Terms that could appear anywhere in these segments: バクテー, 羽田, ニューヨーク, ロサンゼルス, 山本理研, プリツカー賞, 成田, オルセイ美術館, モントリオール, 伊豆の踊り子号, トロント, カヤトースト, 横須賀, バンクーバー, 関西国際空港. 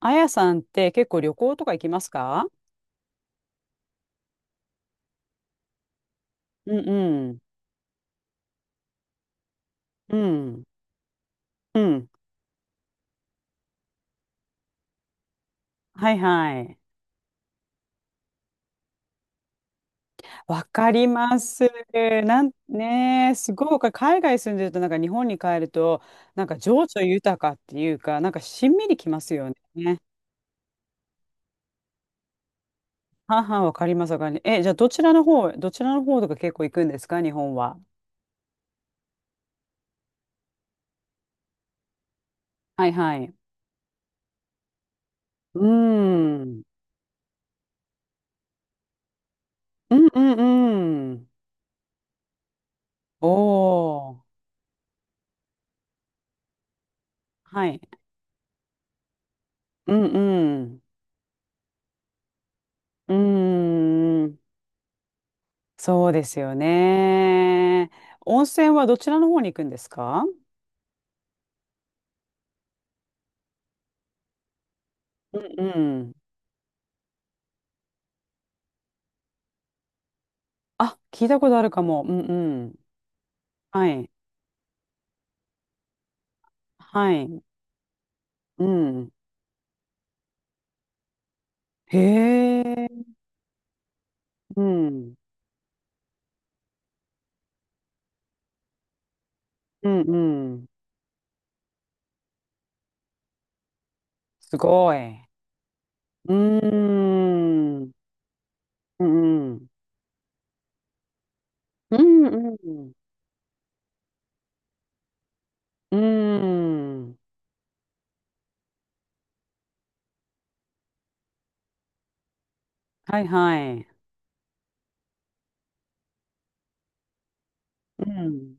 あやさんって結構旅行とか行きますか？うんうん。うん。うん。はいはい。わかります。なんねえ、すごく海外住んでるとなんか日本に帰るとなんか情緒豊かっていうかなんかしんみりきますよね。はは、わかりますわかります。え、じゃあどちらの方とか結構行くんですか日本は？はいはい。うーん。うんうんうん。おー。はい。うんうん。うーん。そうですよね。温泉はどちらの方に行くんですか？うんうん。あ、聞いたことあるかも。うんうん。はい。はい。うん。へえ。うん。うんうん。すごい。うーん。うんうん。うんうん。うん。はいはい。うん。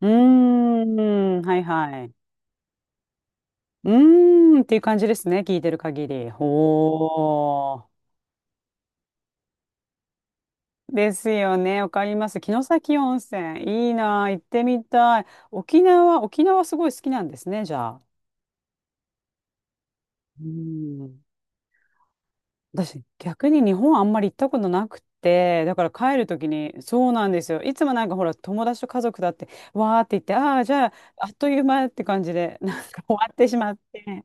うーん。はいはい。うーんっていう感じですね。聞いてる限り。ほー。ですよね。わかります。城崎温泉。いいなあ。行ってみたい。沖縄すごい好きなんですね、じゃあ。うん。私、逆に日本あんまり行ったことなくて、だから帰るときに、そうなんですよ。いつもなんかほら、友達と家族だって、わーって言って、ああ、じゃあ、あっという間って感じで、なんか終わってしまって。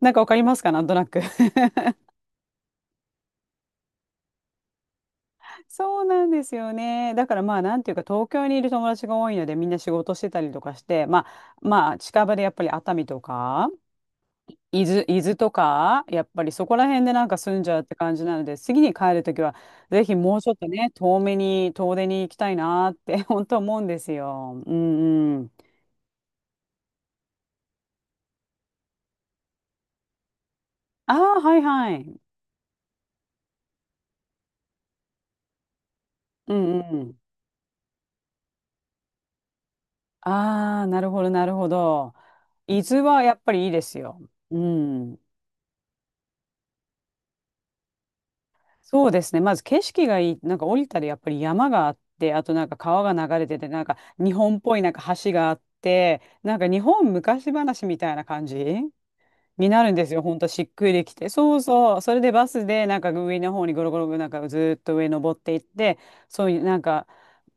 なんかわかりますかなんとなく？そうなんですよね。だからまあなんていうか東京にいる友達が多いのでみんな仕事してたりとかして、まあまあ近場でやっぱり熱海とか伊豆とかやっぱりそこら辺でなんか住んじゃうって感じなので次に帰るときはぜひもうちょっとね遠めに遠出に行きたいなって 本当思うんですよ。うんうん。ああはいはい。うんうん。ああなるほどなるほど。伊豆はやっぱりいいですよ。うん。そうですね。まず景色がいい。なんか降りたらやっぱり山があって、あとなんか川が流れてて、なんか日本っぽいなんか橋があって、なんか日本昔話みたいな感じになるんですよ。ほんとしっくりきて。そうそう。それでバスでなんか上の方にゴロゴロなんかずーっと上登っていって、そういうなんか、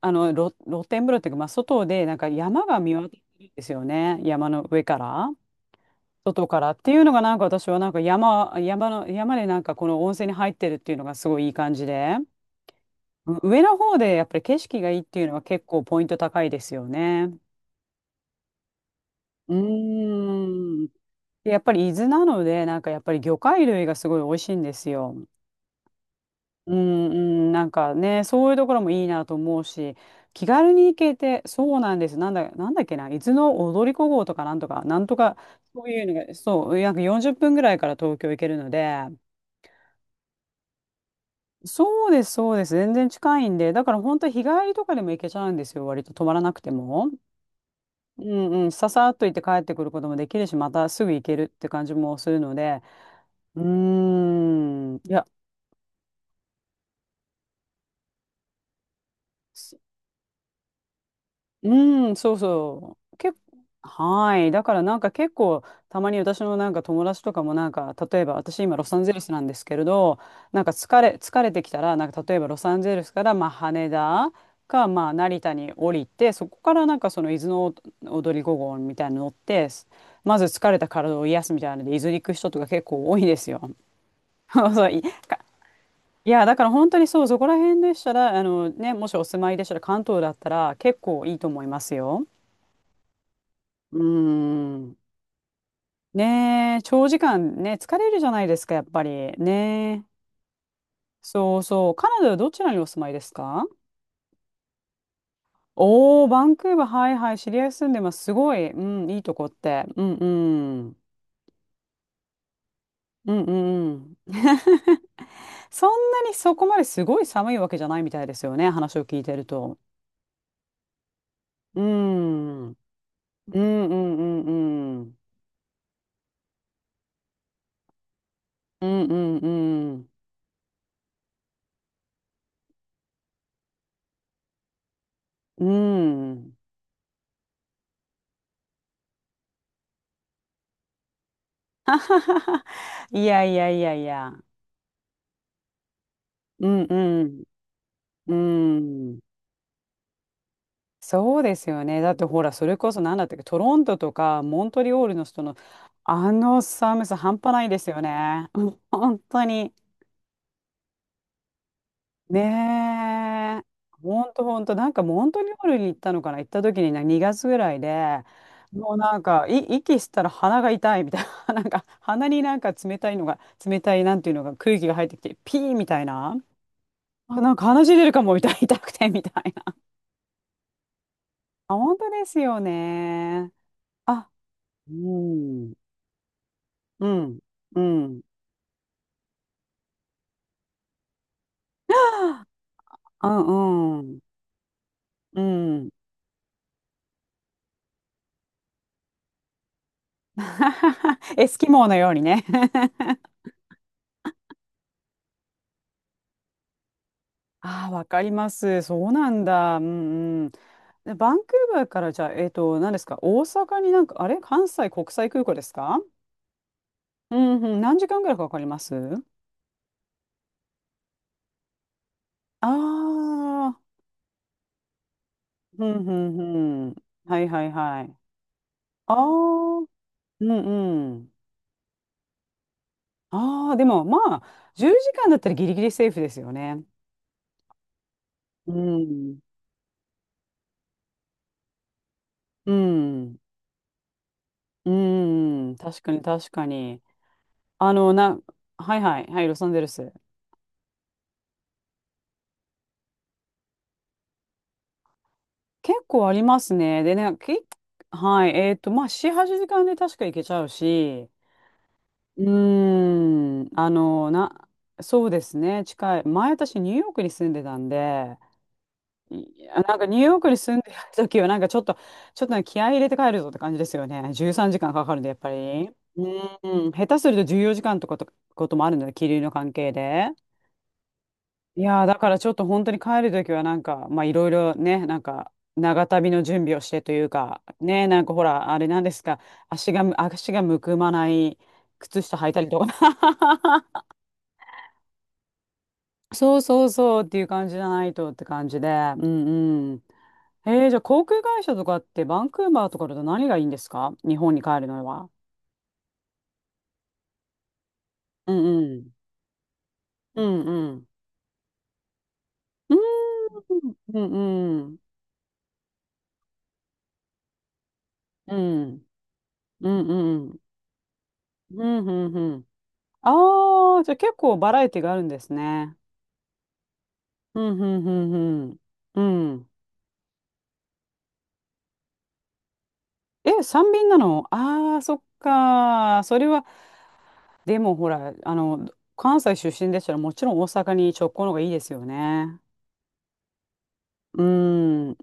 露天風呂っていうか、まあ外でなんか山が見渡せるんですよね。山の上から。外からっていうのがなんか私はなんか山でなんかこの温泉に入ってるっていうのがすごいいい感じで、うん上の方でやっぱり景色がいいっていうのは結構ポイント高いですよね。うーん。でやっぱり伊豆なので、なんかやっぱり魚介類がすごい美味しいんですよ。うんうん、なんかね、そういうところもいいなと思うし、気軽に行けて、そうなんです。なんだっけな、伊豆の踊り子号とかなんとか、なんとか、そういうのが、そう、約40分ぐらいから東京行けるので、そうです、そうです。全然近いんで、だから本当日帰りとかでも行けちゃうんですよ、割と泊まらなくても。うんうん、ささっと行って帰ってくることもできるし、またすぐ行けるって感じもするので、うーん、いや、うん、そうそう。はい。だからなんか結構、たまに私のなんか友達とかもなんか、例えば私今ロサンゼルスなんですけれど、なんか疲れてきたら、なんか例えばロサンゼルスからまあ羽田かまあ成田に降りて、そこからなんかその伊豆の踊り5号みたいなの乗って、まず疲れた体を癒すみたいなので、伊豆に行く人とか結構多いですよ。そうそういやだから本当にそうそこら辺でしたらあのねもしお住まいでしたら関東だったら結構いいと思いますよ。うーん。ねえ、長時間ね、疲れるじゃないですか、やっぱり。ねえ。そうそう。カナダはどちらにお住まいですか？おー、バンクーバー、はいはい、知り合い住んでます。すごい、うん、いいとこって。うんうん。うんうんうん。そんなにそこまですごい寒いわけじゃないみたいですよね、話を聞いてると。うん。うんうんうんうん。うんうんうん。うん。いやいやいやいや。うんうん。うん。そうですよね。だってほら、それこそ何だったっけ、トロントとかモントリオールの人のあの寒さ半端ないですよね。うん本当に。ねえ。本当本当。なんかモントリオールに行ったのかな、行った時にな2月ぐらいで、もうなんかい息したら鼻が痛いみたいな、なんか鼻になんか冷たいなんていうのが空気が入ってきて、ピーみたいな。あ、なんか鼻血出るかも痛い痛くてみたいな。あ、本当ですよね。あ、うん。うん、うん。うん、うん、うん。エスキモーのようにね。ああ、わかります。そうなんだ。うんうん。でバンクーバーからじゃあ、何ですか、大阪になんか、あれ、関西国際空港ですか？うんうん、何時間ぐらいかかります？ああー、うんうんうん。はいはいはい。ああ、うんうん。ああ、でもまあ、10時間だったらギリギリセーフですよね。うん、うん。うーん、確かに確かに。あの、な、はいはい、はい、ロサンゼルス。結構ありますね。でね、はい、まあ、4、8時間で確か行けちゃうし、うーん、そうですね、近い。前私、ニューヨークに住んでたんで、いやなんかニューヨークに住んでる時は、なんかちょっとね気合い入れて帰るぞって感じですよね。13時間かんかかるんで、やっぱり。うん、下手すると14時間とかと、こともあるので、気流の関係で。いやーだからちょっと本当に帰るときはなんか、まあいろいろね、なんか長旅の準備をしてというか、ね、なんかほら、あれなんですか、足がむくまない靴下履いたりとか、そうそうそうっていう感じじゃないとって感じで、うんうん。じゃあ航空会社とかってバンクーバーとかだと何がいいんですか日本に帰るのは？うんうん。うんうん。うん。うんうんうん。うんうんうん。うんうんうん。ああ、じゃあ結構バラエティがあるんですね。うん、うん、うん、うん。うん。え、三便なの？ああー、そっか。それは、でもほら、あの、関西出身でしたらもちろん大阪に直行の方がいいですよね。うん、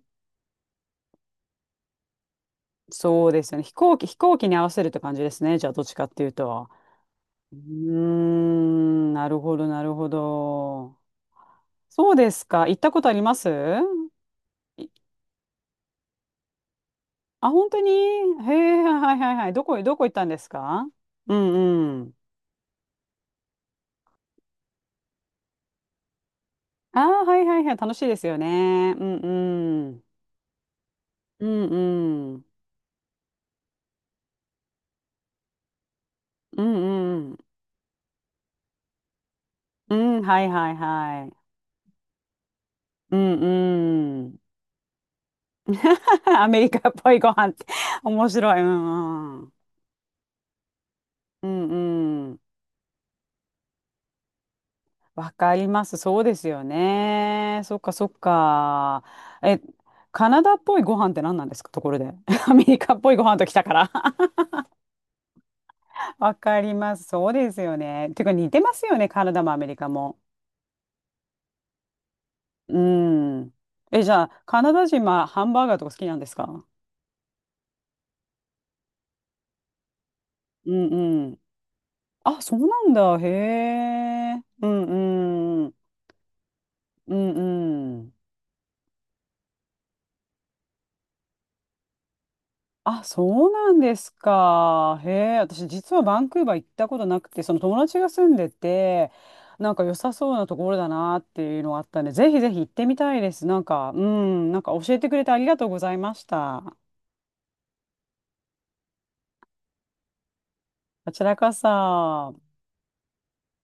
そうですよね。飛行機に合わせるって感じですね。じゃあ、どっちかっていうと。うーん、なるほど、なるほど。そうですか。行ったことあります？あ、本当に？へえ、はいはいはい。どこ行ったんですか？うんうん。ああ、はいはいはい。楽しいですよね。うんうん。うんうん。うんうん。うん、はいはいはい。うんうん。アメリカっぽいご飯って 面白い。うんうん。うんうん。わかります。そうですよね。そっかそっか。え、カナダっぽいご飯って何なんですかところで？アメリカっぽいご飯ときたから。わかります。そうですよね。てか似てますよね、カナダもアメリカも。うん。え、じゃあ、カナダ人はハンバーガーとか好きなんですか？うんうん。あ、そうなんだ。へえ。うんうん。うんうん。あ、そうなんですか。へえ。私、実はバンクーバー行ったことなくて、その友達が住んでて、なんか良さそうなところだなっていうのがあったんで、ぜひぜひ行ってみたいです。なんか、うん、なんか教えてくれてありがとうございました。こちらこそ。